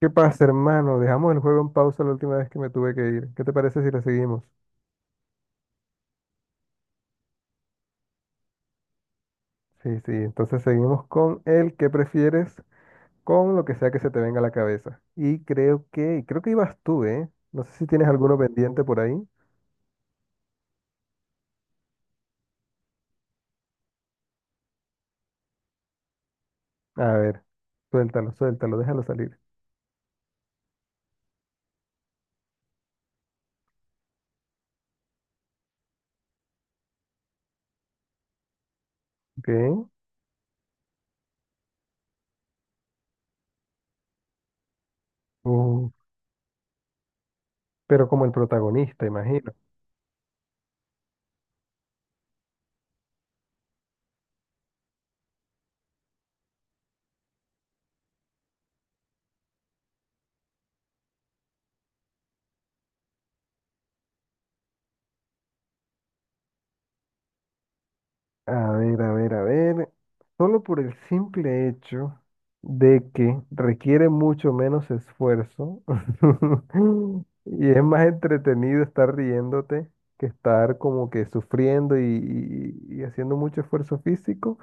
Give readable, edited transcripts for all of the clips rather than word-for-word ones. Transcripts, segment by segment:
¿Qué pasa, hermano? Dejamos el juego en pausa la última vez que me tuve que ir. ¿Qué te parece si lo seguimos? Sí, sí, entonces seguimos con el que prefieres, con lo que sea que se te venga a la cabeza. Y creo que ibas tú, ¿eh? No sé si tienes alguno pendiente por ahí. A ver, suéltalo, suéltalo, déjalo salir. Ok. Uh, pero como el protagonista, imagino. A ver, a ver, a ver. Solo por el simple hecho de que requiere mucho menos esfuerzo y es más entretenido estar riéndote que estar como que sufriendo y haciendo mucho esfuerzo físico,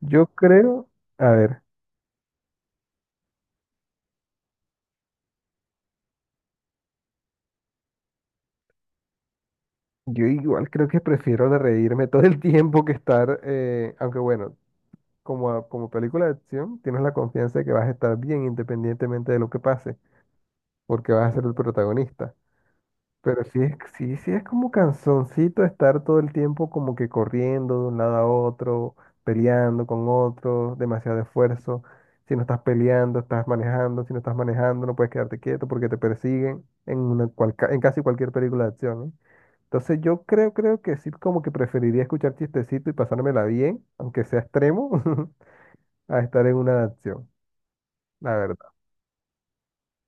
yo creo, a ver, yo igual creo que prefiero de reírme todo el tiempo que estar, aunque bueno, como película de acción, tienes la confianza de que vas a estar bien independientemente de lo que pase, porque vas a ser el protagonista. Pero sí es como cansoncito estar todo el tiempo como que corriendo de un lado a otro, peleando con otro, demasiado esfuerzo. Si no estás peleando, estás manejando, si no estás manejando, no puedes quedarte quieto porque te persiguen en una en casi cualquier película de acción, ¿eh? Entonces yo creo que sí como que preferiría escuchar chistecito y pasármela bien, aunque sea extremo, a estar en una de acción, la verdad.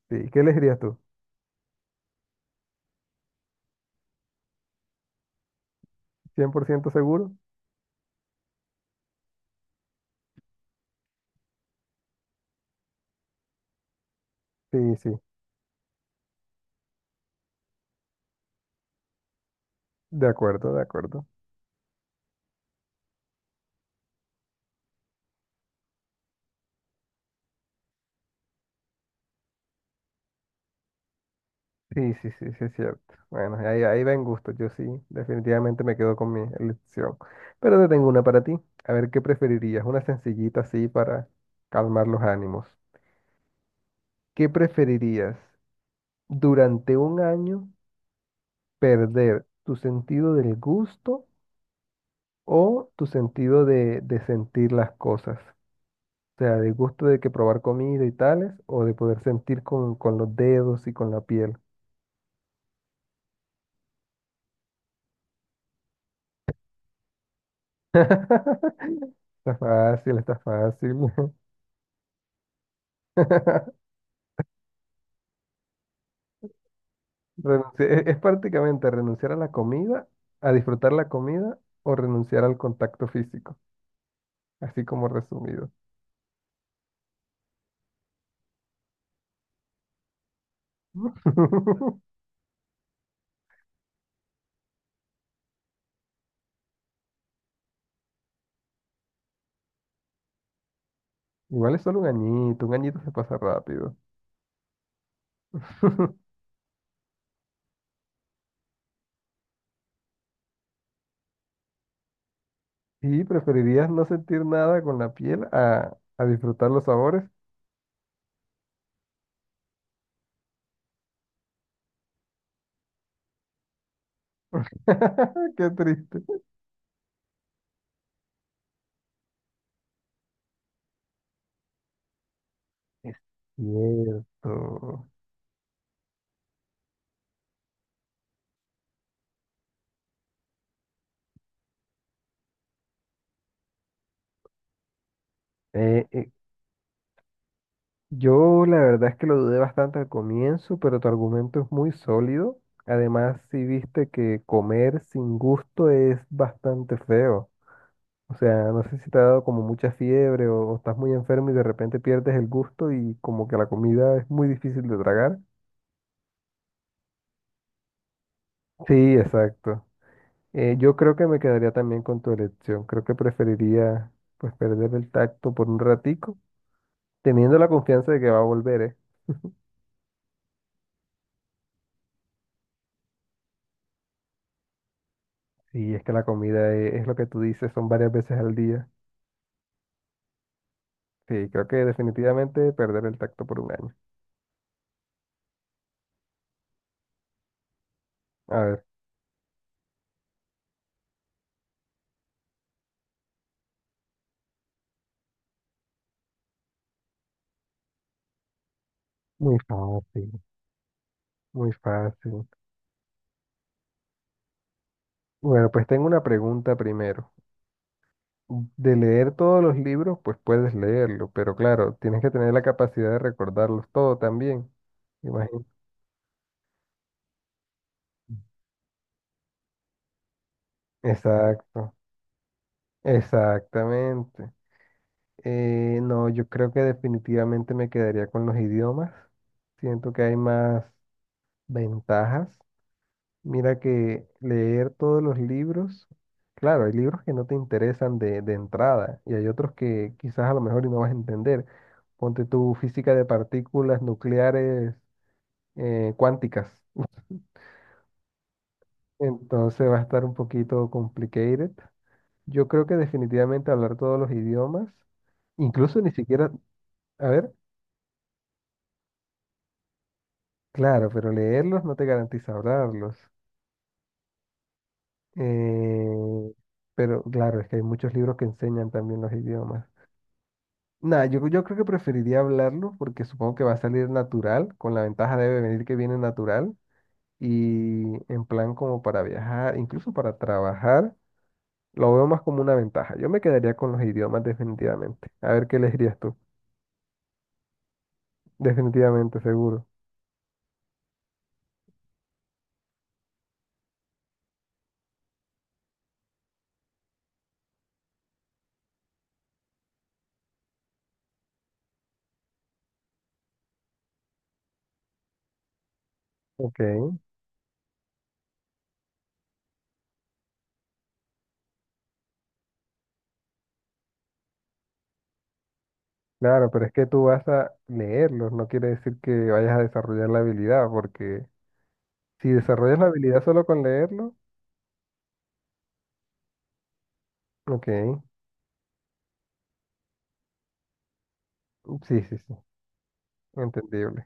Sí, ¿qué elegirías tú? ¿Cien por ciento seguro? Sí, sí, de acuerdo, de acuerdo. Sí, sí, sí, sí, es cierto. Bueno, ahí va en gusto. Yo sí, definitivamente me quedo con mi elección. Pero te tengo una para ti. A ver, ¿qué preferirías? Una sencillita así para calmar los ánimos. ¿Qué preferirías? ¿Durante un año perder tu sentido del gusto o tu sentido de sentir las cosas? O sea, del gusto de que probar comida y tales, o de poder sentir con los dedos y con la piel. Está fácil, está fácil. Renunciar- es prácticamente renunciar a la comida, a disfrutar la comida o renunciar al contacto físico, así como resumido. Igual es solo un añito se pasa rápido. ¿Y preferirías no sentir nada con la piel a disfrutar los sabores? Qué triste. Es cierto. Eh, eh, Yo la verdad es que lo dudé bastante al comienzo, pero tu argumento es muy sólido. Además, si viste que comer sin gusto es bastante feo. O sea, no sé si te ha dado como mucha fiebre o estás muy enfermo y de repente pierdes el gusto y como que la comida es muy difícil de tragar. Sí, exacto. Yo creo que me quedaría también con tu elección. Creo que preferiría pues perder el tacto por un ratico, teniendo la confianza de que va a volver, ¿eh? Sí, es que la comida es lo que tú dices, son varias veces al día. Sí, creo que definitivamente perder el tacto por un año. A ver, muy fácil, muy fácil. Bueno, pues tengo una pregunta primero. De leer todos los libros, pues puedes leerlo, pero claro, tienes que tener la capacidad de recordarlos todo también. Imagínate. Exacto, exactamente. No, yo creo que definitivamente me quedaría con los idiomas. Siento que hay más ventajas. Mira que leer todos los libros, claro, hay libros que no te interesan de entrada y hay otros que quizás a lo mejor y no vas a entender. Ponte tu física de partículas nucleares, cuánticas. Entonces va a estar un poquito complicated. Yo creo que definitivamente hablar todos los idiomas, incluso ni siquiera, a ver, claro, pero leerlos no te garantiza hablarlos. Eh, pero claro, es que hay muchos libros que enseñan también los idiomas. Nah, yo creo que preferiría hablarlo porque supongo que va a salir natural, con la ventaja de venir que viene natural y en plan como para viajar, incluso para trabajar, lo veo más como una ventaja. Yo me quedaría con los idiomas definitivamente. A ver qué elegirías tú. Definitivamente, seguro. Ok, claro, pero es que tú vas a leerlos, no quiere decir que vayas a desarrollar la habilidad, porque si desarrollas la habilidad solo con leerlo, ok, sí, sí, sí, entendible.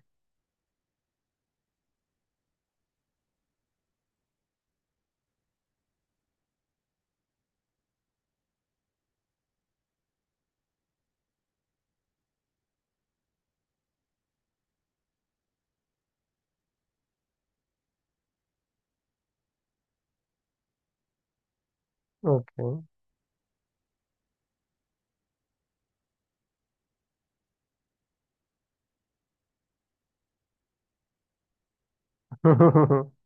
Ok.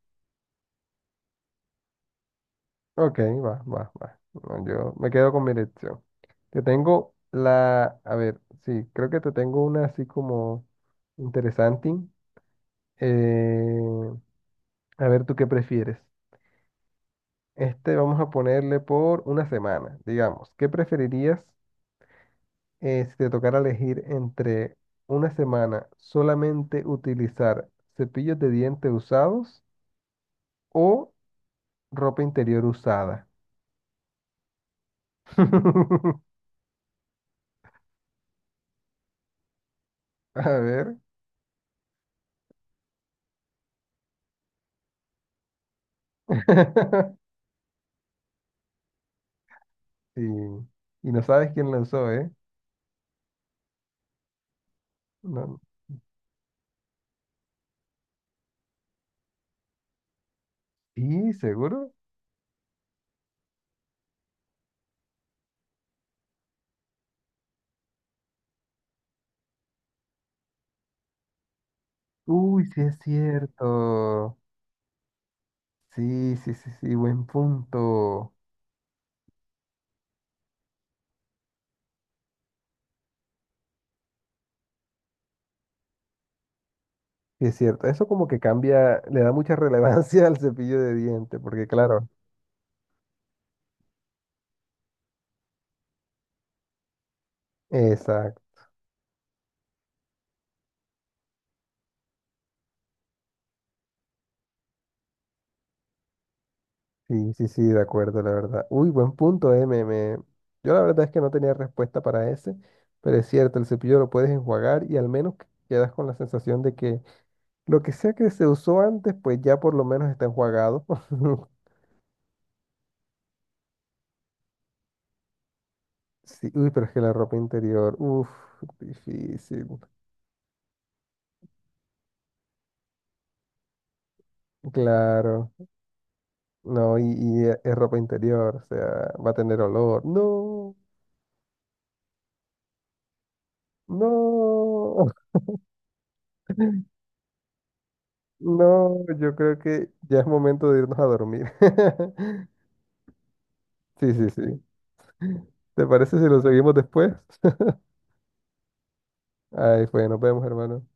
Ok, va, va, va. No, yo me quedo con mi elección. Te tengo la, a ver, sí, creo que te tengo una así como interesante. Eh, a ver, ¿tú qué prefieres? Este vamos a ponerle por una semana, digamos. ¿Qué preferirías, si te tocara elegir entre una semana solamente utilizar cepillos de dientes usados o ropa interior usada? A ver. Sí. Y no sabes quién lanzó, ¿eh? No. Sí, seguro. Uy, sí es cierto. Sí, sí, sí, sí, buen punto. Sí es cierto. Eso como que cambia, le da mucha relevancia al cepillo de dientes, porque claro, exacto. Sí, sí, sí, de acuerdo, la verdad. Uy, buen punto, eh. Yo la verdad es que no tenía respuesta para ese, pero es cierto, el cepillo lo puedes enjuagar y al menos quedas con la sensación de que lo que sea que se usó antes, pues ya por lo menos está enjuagado. Sí, uy, pero es que la ropa interior, uff, difícil. Claro, no, es ropa interior, o sea, va a tener olor. No, no, no, yo creo que ya es momento de irnos a dormir. Sí, sí, sí. ¿Te parece si lo seguimos después? Ay, pues nos vemos, hermano.